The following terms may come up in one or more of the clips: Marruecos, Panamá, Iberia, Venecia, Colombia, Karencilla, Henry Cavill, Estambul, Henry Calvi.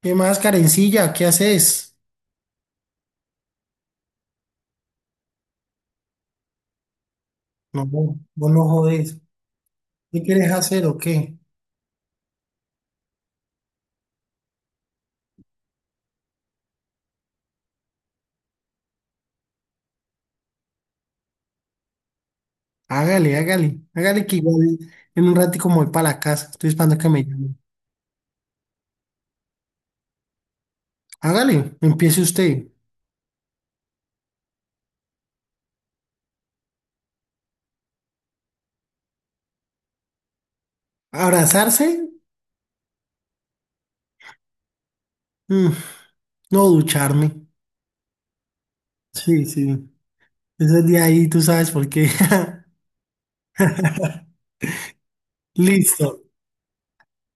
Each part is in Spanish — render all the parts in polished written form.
¿Qué más, Karencilla? ¿Qué haces? No, no, vos no jodés. ¿Qué quieres hacer o qué? Hágale, hágale. Hágale que igual en un ratico como voy para la casa. Estoy esperando que me llame. Hágale, empiece usted. ¿Abrazarse? Mm, no ducharme. Sí, sí. Ese día ahí tú sabes por qué. Listo.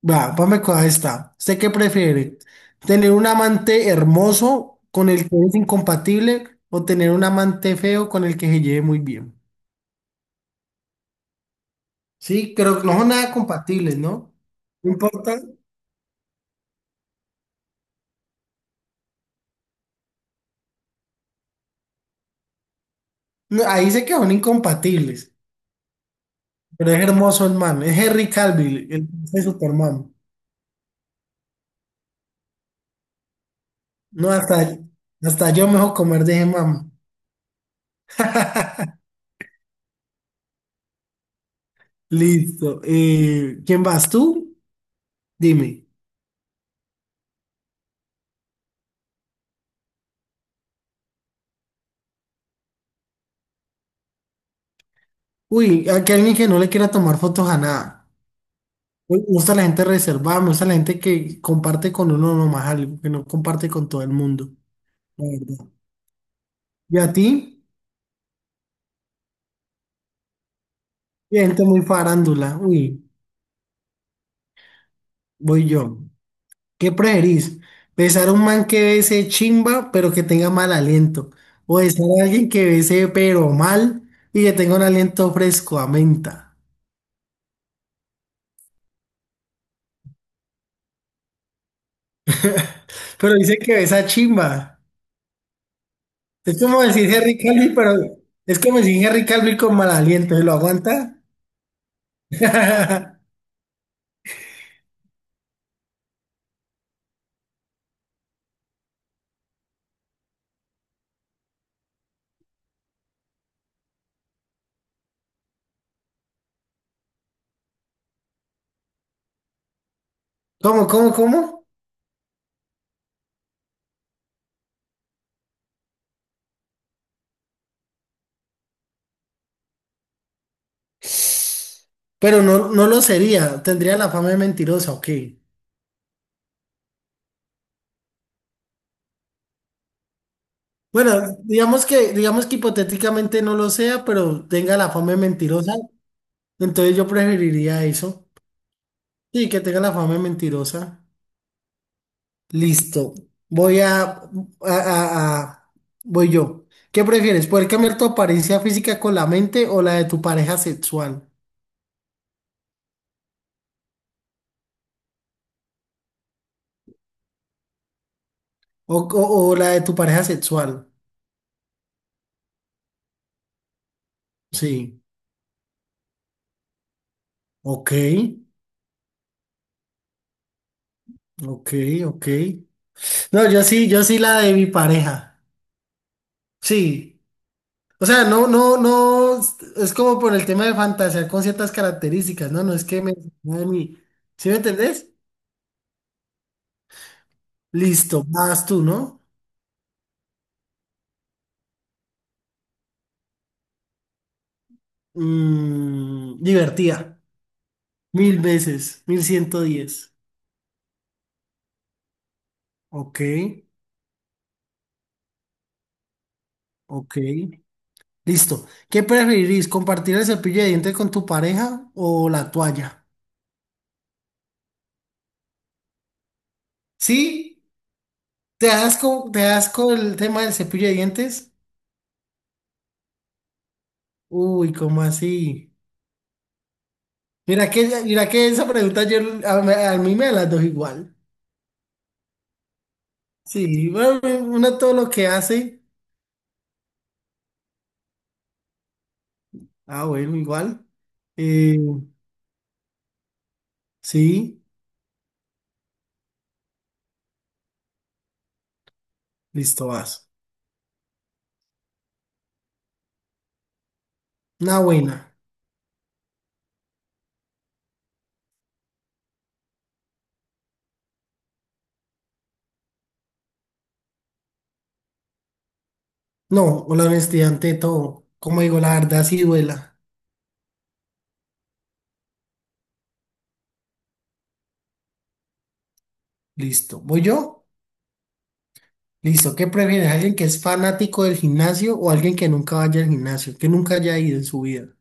Vamos con esta. ¿Usted qué prefiere? ¿Tener un amante hermoso con el que es incompatible o tener un amante feo con el que se lleve muy bien? Sí, creo que no son nada compatibles, ¿no? No importa. No, ahí sé que son incompatibles, pero es hermoso el man. Es Henry Cavill, el de Superman. No, hasta yo mejor comer de ese man. Listo. ¿Quién vas tú? Dime. Uy, aquí hay alguien que no le quiera tomar fotos a nada. Uy, me gusta la gente reservada, me gusta la gente que comparte con uno nomás algo, que no comparte con todo el mundo. La verdad. ¿Y a ti? Gente muy farándula. Uy, voy yo. ¿Qué preferís? ¿Besar a un man que bese chimba pero que tenga mal aliento? ¿O besar a alguien que bese pero mal y que tenga un aliento fresco a menta? Pero dice que besa chimba. Es como decir Henry Calvi, pero es como decir Henry Calvi con mal aliento. ¿Se lo aguanta? ¿Cómo, cómo, cómo? Pero no, no lo sería. Tendría la fama de mentirosa, ok. Bueno, digamos que hipotéticamente no lo sea, pero tenga la fama de mentirosa. Entonces yo preferiría eso. Sí, que tenga la fama de mentirosa. Listo. Voy a- Voy yo. ¿Qué prefieres? ¿Poder cambiar tu apariencia física con la mente o la de tu pareja sexual? O la de tu pareja sexual. Sí. Ok, ok, ok. No, yo sí, yo sí la de mi pareja. Sí. O sea, no, no, no. Es como por el tema de fantasear con ciertas características, ¿no? No es que me... me- mi- ¿Sí me entendés? Listo, vas tú, ¿no? Divertida. 1000 veces. 1110. Ok, ok. Listo. ¿Qué preferirís? ¿Compartir el cepillo de dientes con tu pareja o la toalla? ¿Sí? ¿Te das con el tema del cepillo de dientes? Uy, ¿cómo así? Mira que esa pregunta yo, a mí me las dos igual. Sí, bueno, uno todo lo que hace. Ah, bueno, igual. Eh, sí, listo, vas. Una buena. No, la honestidad ante todo. Como digo, la verdad sí duela. Listo. ¿Voy yo? Listo. ¿Qué prefieres? ¿Alguien que es fanático del gimnasio o alguien que nunca vaya al gimnasio? Que nunca haya ido en su vida.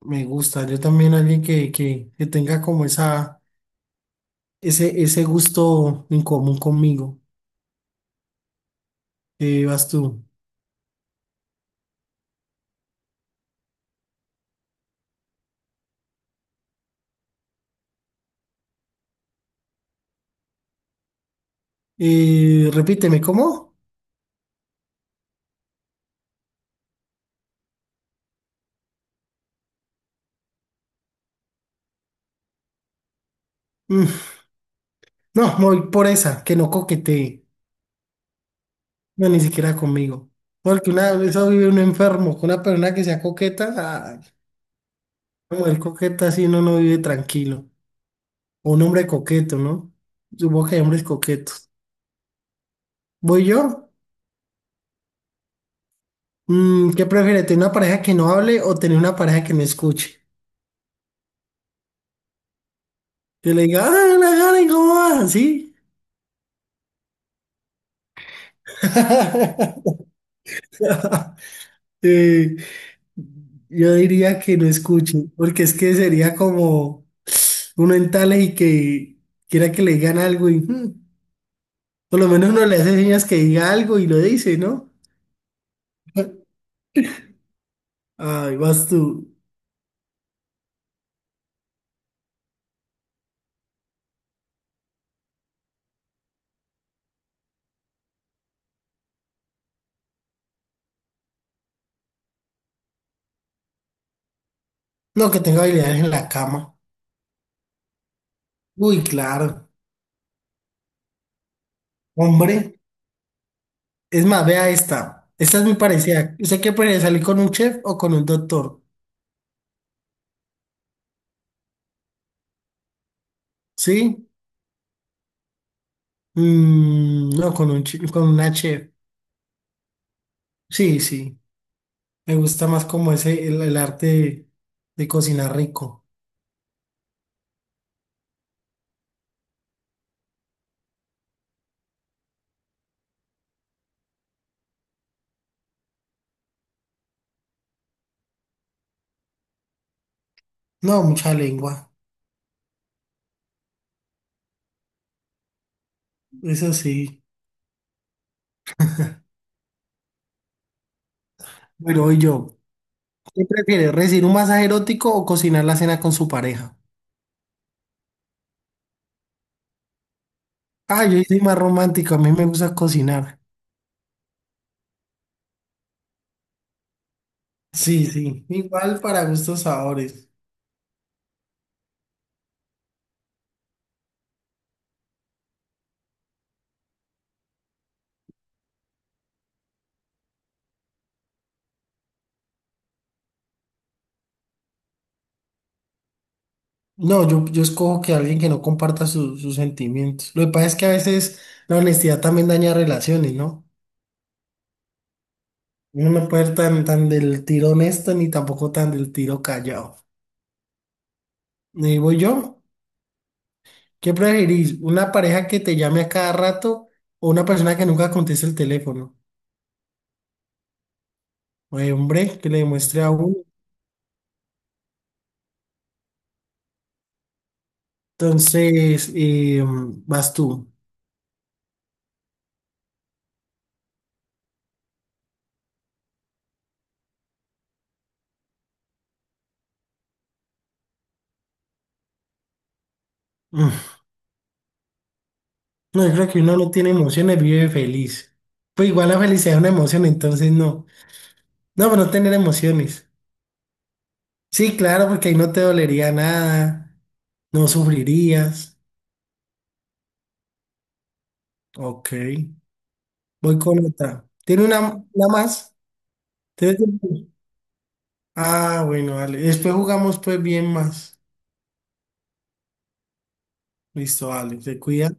Me gusta. Yo también alguien que tenga como ese gusto en común conmigo. Vas tú. Repíteme, ¿cómo? Mm, no, me voy por esa, que no coquetee. No, ni siquiera conmigo. Porque una vez vive un enfermo, con una persona que sea coqueta, ah, mujer coqueta así uno no vive tranquilo. O un hombre coqueto, ¿no? Supongo que hay hombres coquetos. ¿Voy yo? ¿Qué prefieres? ¿Tener una pareja que no hable o tener una pareja que no escuche? Que le diga, ah la gana, ¿y cómo vas? ¿Sí? Eh, yo diría que no escuche, porque es que sería como uno en tales y que quiera que le digan algo y por lo menos uno le hace señas que diga algo y lo dice, ¿no? Ay, vas tú. No, que tengo habilidades en la cama. Uy, claro. Hombre, es más, vea esta. Esta es muy parecida. ¿Usted qué prefiere salir con un chef o con un doctor? ¿Sí? No, con una chef. Sí, sí. Me gusta más como el arte de cocinar rico. No, mucha lengua. Eso sí. Bueno, y yo. ¿Qué prefiere, recibir un masaje erótico o cocinar la cena con su pareja? Ah, yo soy más romántico. A mí me gusta cocinar. Sí, sí. Igual para gustos, sabores. No, yo escojo que alguien que no comparta sus sentimientos. Lo que pasa es que a veces la honestidad también daña relaciones, ¿no? Uno no puede ser tan, tan del tiro honesto ni tampoco tan del tiro callado. Y voy yo, ¿qué preferís? ¿Una pareja que te llame a cada rato o una persona que nunca conteste el teléfono? Ay, hombre, que le demuestre a uno. Entonces, vas tú. Mm, No, yo creo que uno no tiene emociones, vive feliz. Pues igual la felicidad es una emoción, entonces no. No, pero no tener emociones. Sí, claro, porque ahí no te dolería nada, no sufrirías. Ok, voy con otra. ¿Tiene una más? ¿Tiene tiempo? Ah, bueno, vale. Después jugamos pues bien más. Listo, vale, te cuida.